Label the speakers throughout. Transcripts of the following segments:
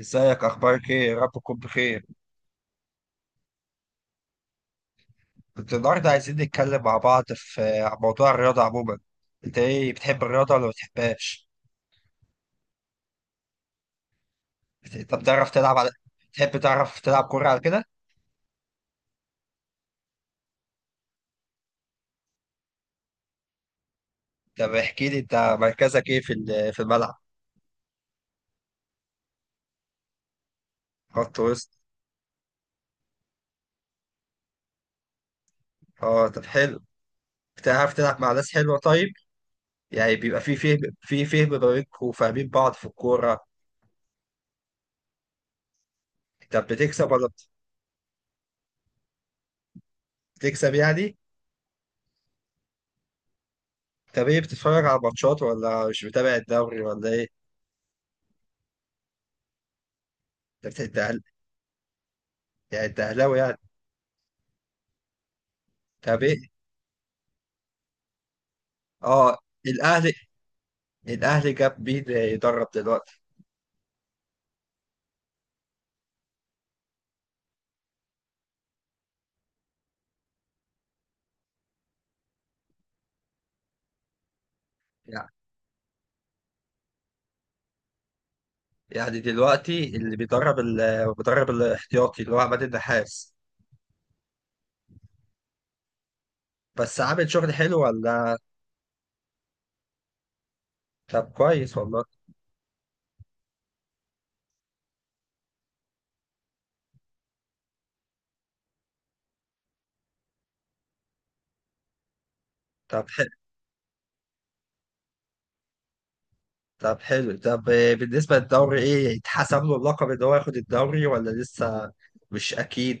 Speaker 1: ازيك، اخبارك ايه؟ يا رب تكون بخير. كنت النهارده عايزين نتكلم مع بعض عن موضوع الرياضه عموما. انت ايه، بتحب الرياضه ولا ما بتحبهاش؟ انت بتعرف تلعب على؟ تحب تعرف تلعب كوره على كده؟ طب احكي لي، انت مركزك ايه في الملعب؟ خط وسط. اه، طب حلو. بتعرف تلعب مع ناس حلوه طيب؟ يعني بيبقى في فهم ما بينكم وفاهمين بعض في الكوره. طب بتكسب ولا؟ بتكسب يعني. طب ايه، بتتفرج على ماتشات ولا مش متابع الدوري ولا ايه؟ انت بت- انت أهل- يعني انت اهلاوي يعني. طب ايه. اه. الاهلي. الاهلي جاب بيه يدرب دلوقتي. يعني يعني دلوقتي اللي بيدرب الاحتياطي اللي هو عماد النحاس. بس عامل شغل حلو ولا؟ طب كويس والله. طب حلو، طب حلو، طب بالنسبة للدوري ايه اتحسب له اللقب ان هو ياخد الدوري ولا لسه؟ مش اكيد.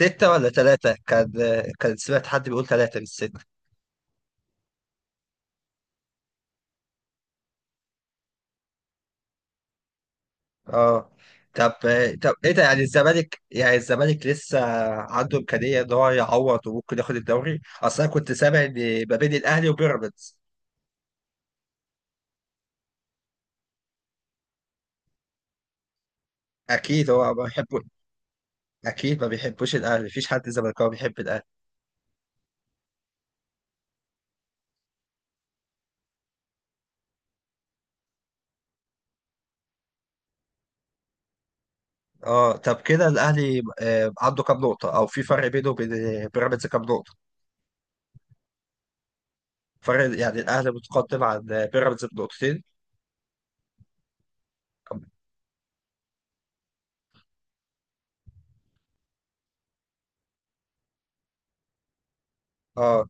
Speaker 1: ستة ولا ثلاثة كان سمعت حد بيقول ثلاثة مش ستة. اه. طب طب ايه ده؟ يعني الزمالك لسه عنده امكانيه ان هو يعوض وممكن ياخد الدوري؟ اصل انا كنت سامع ان ما بين الاهلي وبيراميدز. اكيد هو ما بيحبه، اكيد ما بيحبوش الاهلي، مفيش حد زملكاوي بيحب الاهلي. اه، طب كده الاهلي عنده كام نقطه، او في فرق بينه وبين بيراميدز كام نقطه؟ فرق يعني، الاهلي متقدم عن بيراميدز بنقطتين؟ اه،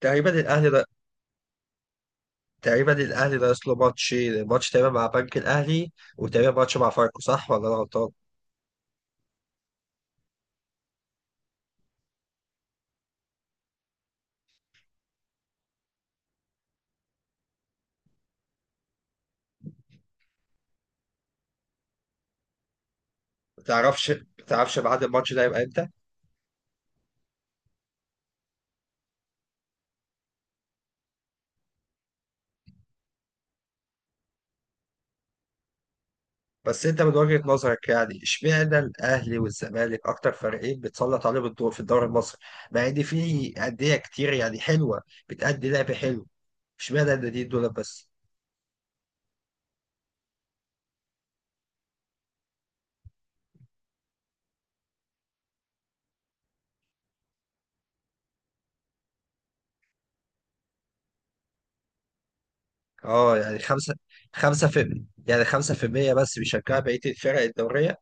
Speaker 1: تقريبا الاهلي ده، تقريبا الاهلي ناقص له ماتش، ماتش تقريبا مع بنك الاهلي، وتقريبا ماتش مع فاركو، صح ولا انا غلطان؟ ما تعرفش بعد الماتش ده يبقى امتى؟ بس انت من وجهة نظرك يعني، اشمعنى الاهلي والزمالك اكتر فريقين بتسلط عليهم الضوء في الدوري المصري، مع ان في انديه كتير يعني حلوه بتأدي لعب حلو؟ اشمعنى الناديين دول بس؟ اه يعني خمسة، خمسة في يعني خمسة في المية بس بيشجعوا بقية الفرق الدورية؟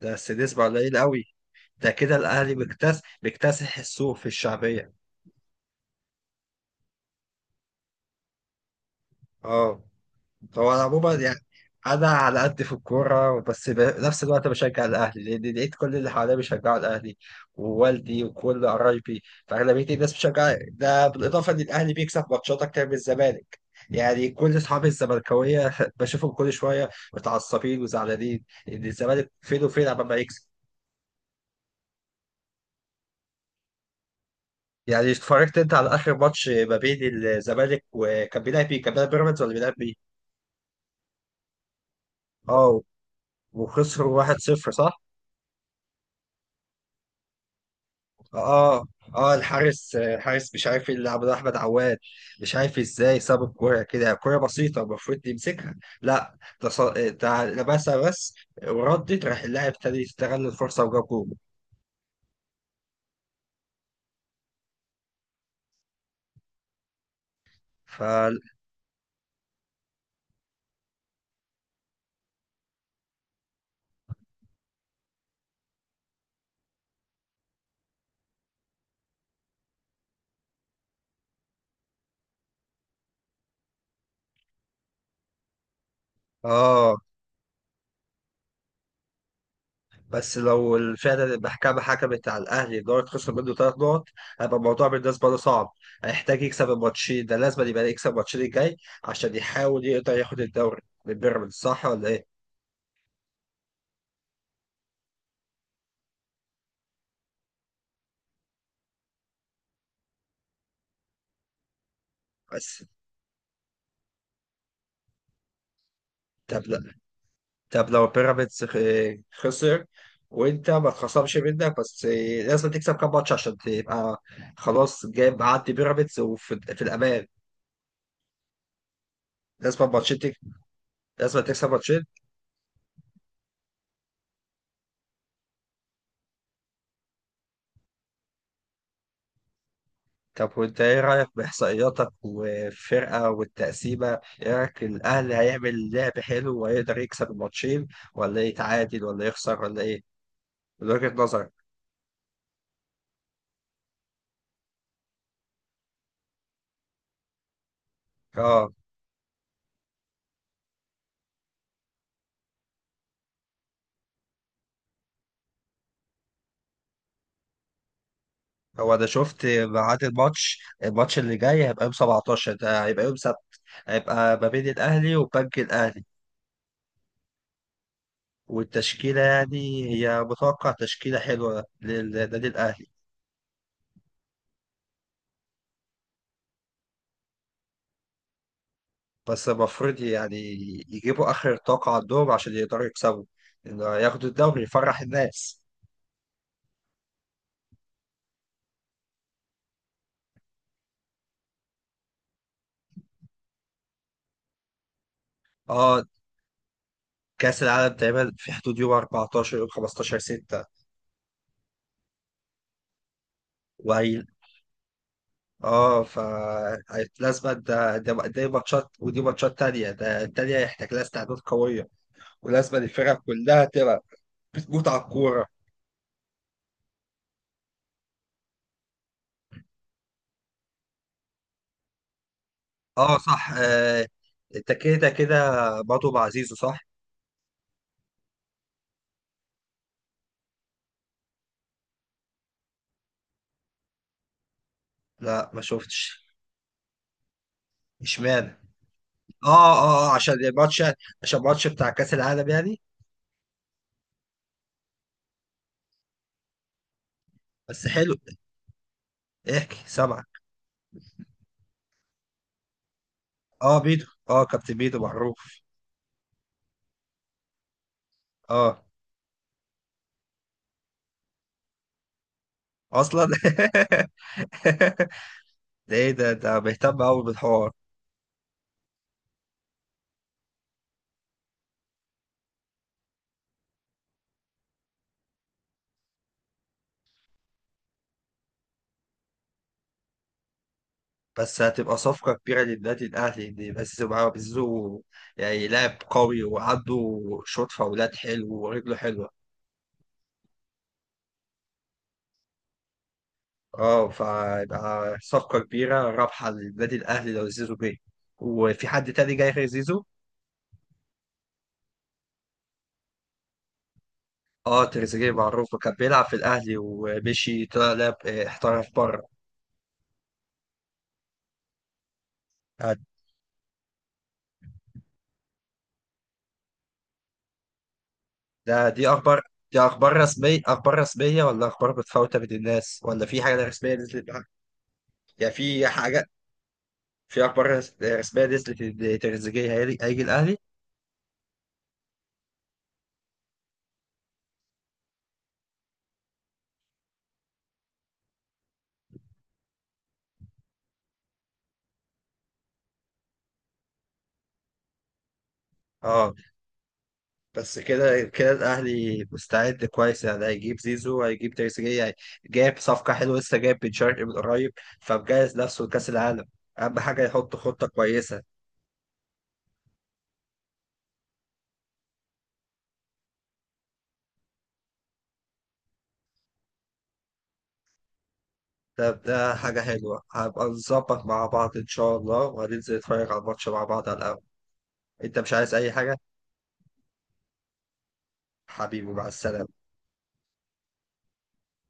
Speaker 1: ده بس نسبة قليلة قوي. ده كده الاهلي بيكتسح بيكتسح السوق في الشعبية. اه. هو انا عموما يعني انا على قد في الكوره، بس بنفس الوقت بشجع الاهلي لان لقيت كل اللي حواليا بيشجعوا الاهلي ووالدي وكل قرايبي، فاغلبيه الناس بتشجع ده، بالاضافه ان الاهلي بيكسب ماتشات اكتر من الزمالك. يعني كل اصحابي الزملكاويه بشوفهم كل شويه متعصبين وزعلانين ان الزمالك فين وفين عمال ما يكسب. يعني اتفرجت انت على اخر ماتش ما بين الزمالك، وكان بيلعب مين؟ كان بيلعب بيراميدز ولا بيلعب مين؟ اه، وخسروا 1-0 صح؟ اه، اه، الحارس الحارس مش عارف يلعب، ده احمد عواد. مش عارف ازاي ساب الكوره كده، كوره بسيطه المفروض يمسكها. لا، ده لبسها بس، وردت راح اللاعب ابتدى يستغل الفرصه وجاب جول. ف، اه، بس لو فعلا المحكمه حكمت على الاهلي ان هو يتخسر منه ثلاث نقط، هيبقى الموضوع بالنسبه له صعب. هيحتاج يكسب الماتشين، ده لازم يبقى يكسب الماتشين الجاي عشان يحاول يقدر ياخد الدوري من بيراميدز، صح ولا ايه؟ بس. طب طب لو بيراميدز خسر وانت ما اتخصمش منك، بس لازم تكسب كام ماتش عشان تبقى خلاص جايب عدي بيراميدز وفي في الامان؟ لازم ماتشين، لازم تكسب ماتشين. طب وانت ايه رايك باحصائياتك والفرقه والتقسيمه؟ ايه رايك، الاهلي هيعمل لعب حلو وهيقدر يكسب الماتشين، ولا يتعادل ولا يخسر ولا ايه، من وجهه نظرك؟ اه، هو انا شفت ميعاد الماتش الماتش اللي جاي هيبقى يوم 17، ده هيبقى يوم هيبقى ما بين الأهلي وبنك الأهلي. والتشكيلة يعني هي متوقع تشكيلة حلوة للنادي الأهلي؟ بس المفروض يعني يجيبوا آخر طاقة عندهم عشان يقدروا يكسبوا، إنه ياخدوا الدوري يفرح الناس. اه، كأس العالم تقريبا في حدود يوم 14، يوم 15 6. وهي، اه، ف لازم، ده ده دي ماتشات، ودي ماتشات تانية، ده التانية هيحتاج لها استعداد قوية، ولازم الفرق كلها تبقى بتموت على الكورة. اه صح، التكيدة كده، برضه بعزيزه صح؟ لا، ما شفتش. اشمعنى؟ اه، اه، عشان الماتش، عشان الماتش بتاع كأس العالم يعني. بس حلو، احكي سامعك. اه، بيدو، اه كابتن بيدو معروف. اه اصلا ده ايه ده بيهتم قوي بالحوار. بس هتبقى صفقة كبيرة للنادي الأهلي إن بس معاه بيزو، يعني لاعب قوي وعنده شوط فاولات حلو ورجله حلوة. اه، فيبقى صفقة كبيرة رابحة للنادي الأهلي لو زيزو جه. وفي حد تاني جاي غير زيزو؟ اه، تريزيجيه معروف، كان بيلعب في الأهلي ومشي طلع لعب، احترف بره. آه، ده دي أخبار، دي أخبار رسمية؟ أخبار رسمية ولا أخبار متفاوتة بين الناس ولا في حاجة رسمية نزلت بقى؟ يعني في حاجة، في أخبار رسمية نزلت إن تريزيجيه هيجي هيجي الأهلي؟ اه، بس كده كده الاهلي مستعد كويس يعني، هيجيب زيزو، هيجيب تريزيجيه جايب صفقه حلوه، لسه جايب بن شرقي من قريب، فمجهز نفسه لكاس العالم. اهم حاجه يحط خطه كويسه. ده حاجه حلوه، هبقى نظبط مع بعض ان شاء الله وهننزل نتفرج على الماتش مع بعض على القهوه. انت مش عايز اي حاجه؟ حبيبي، مع السلامه.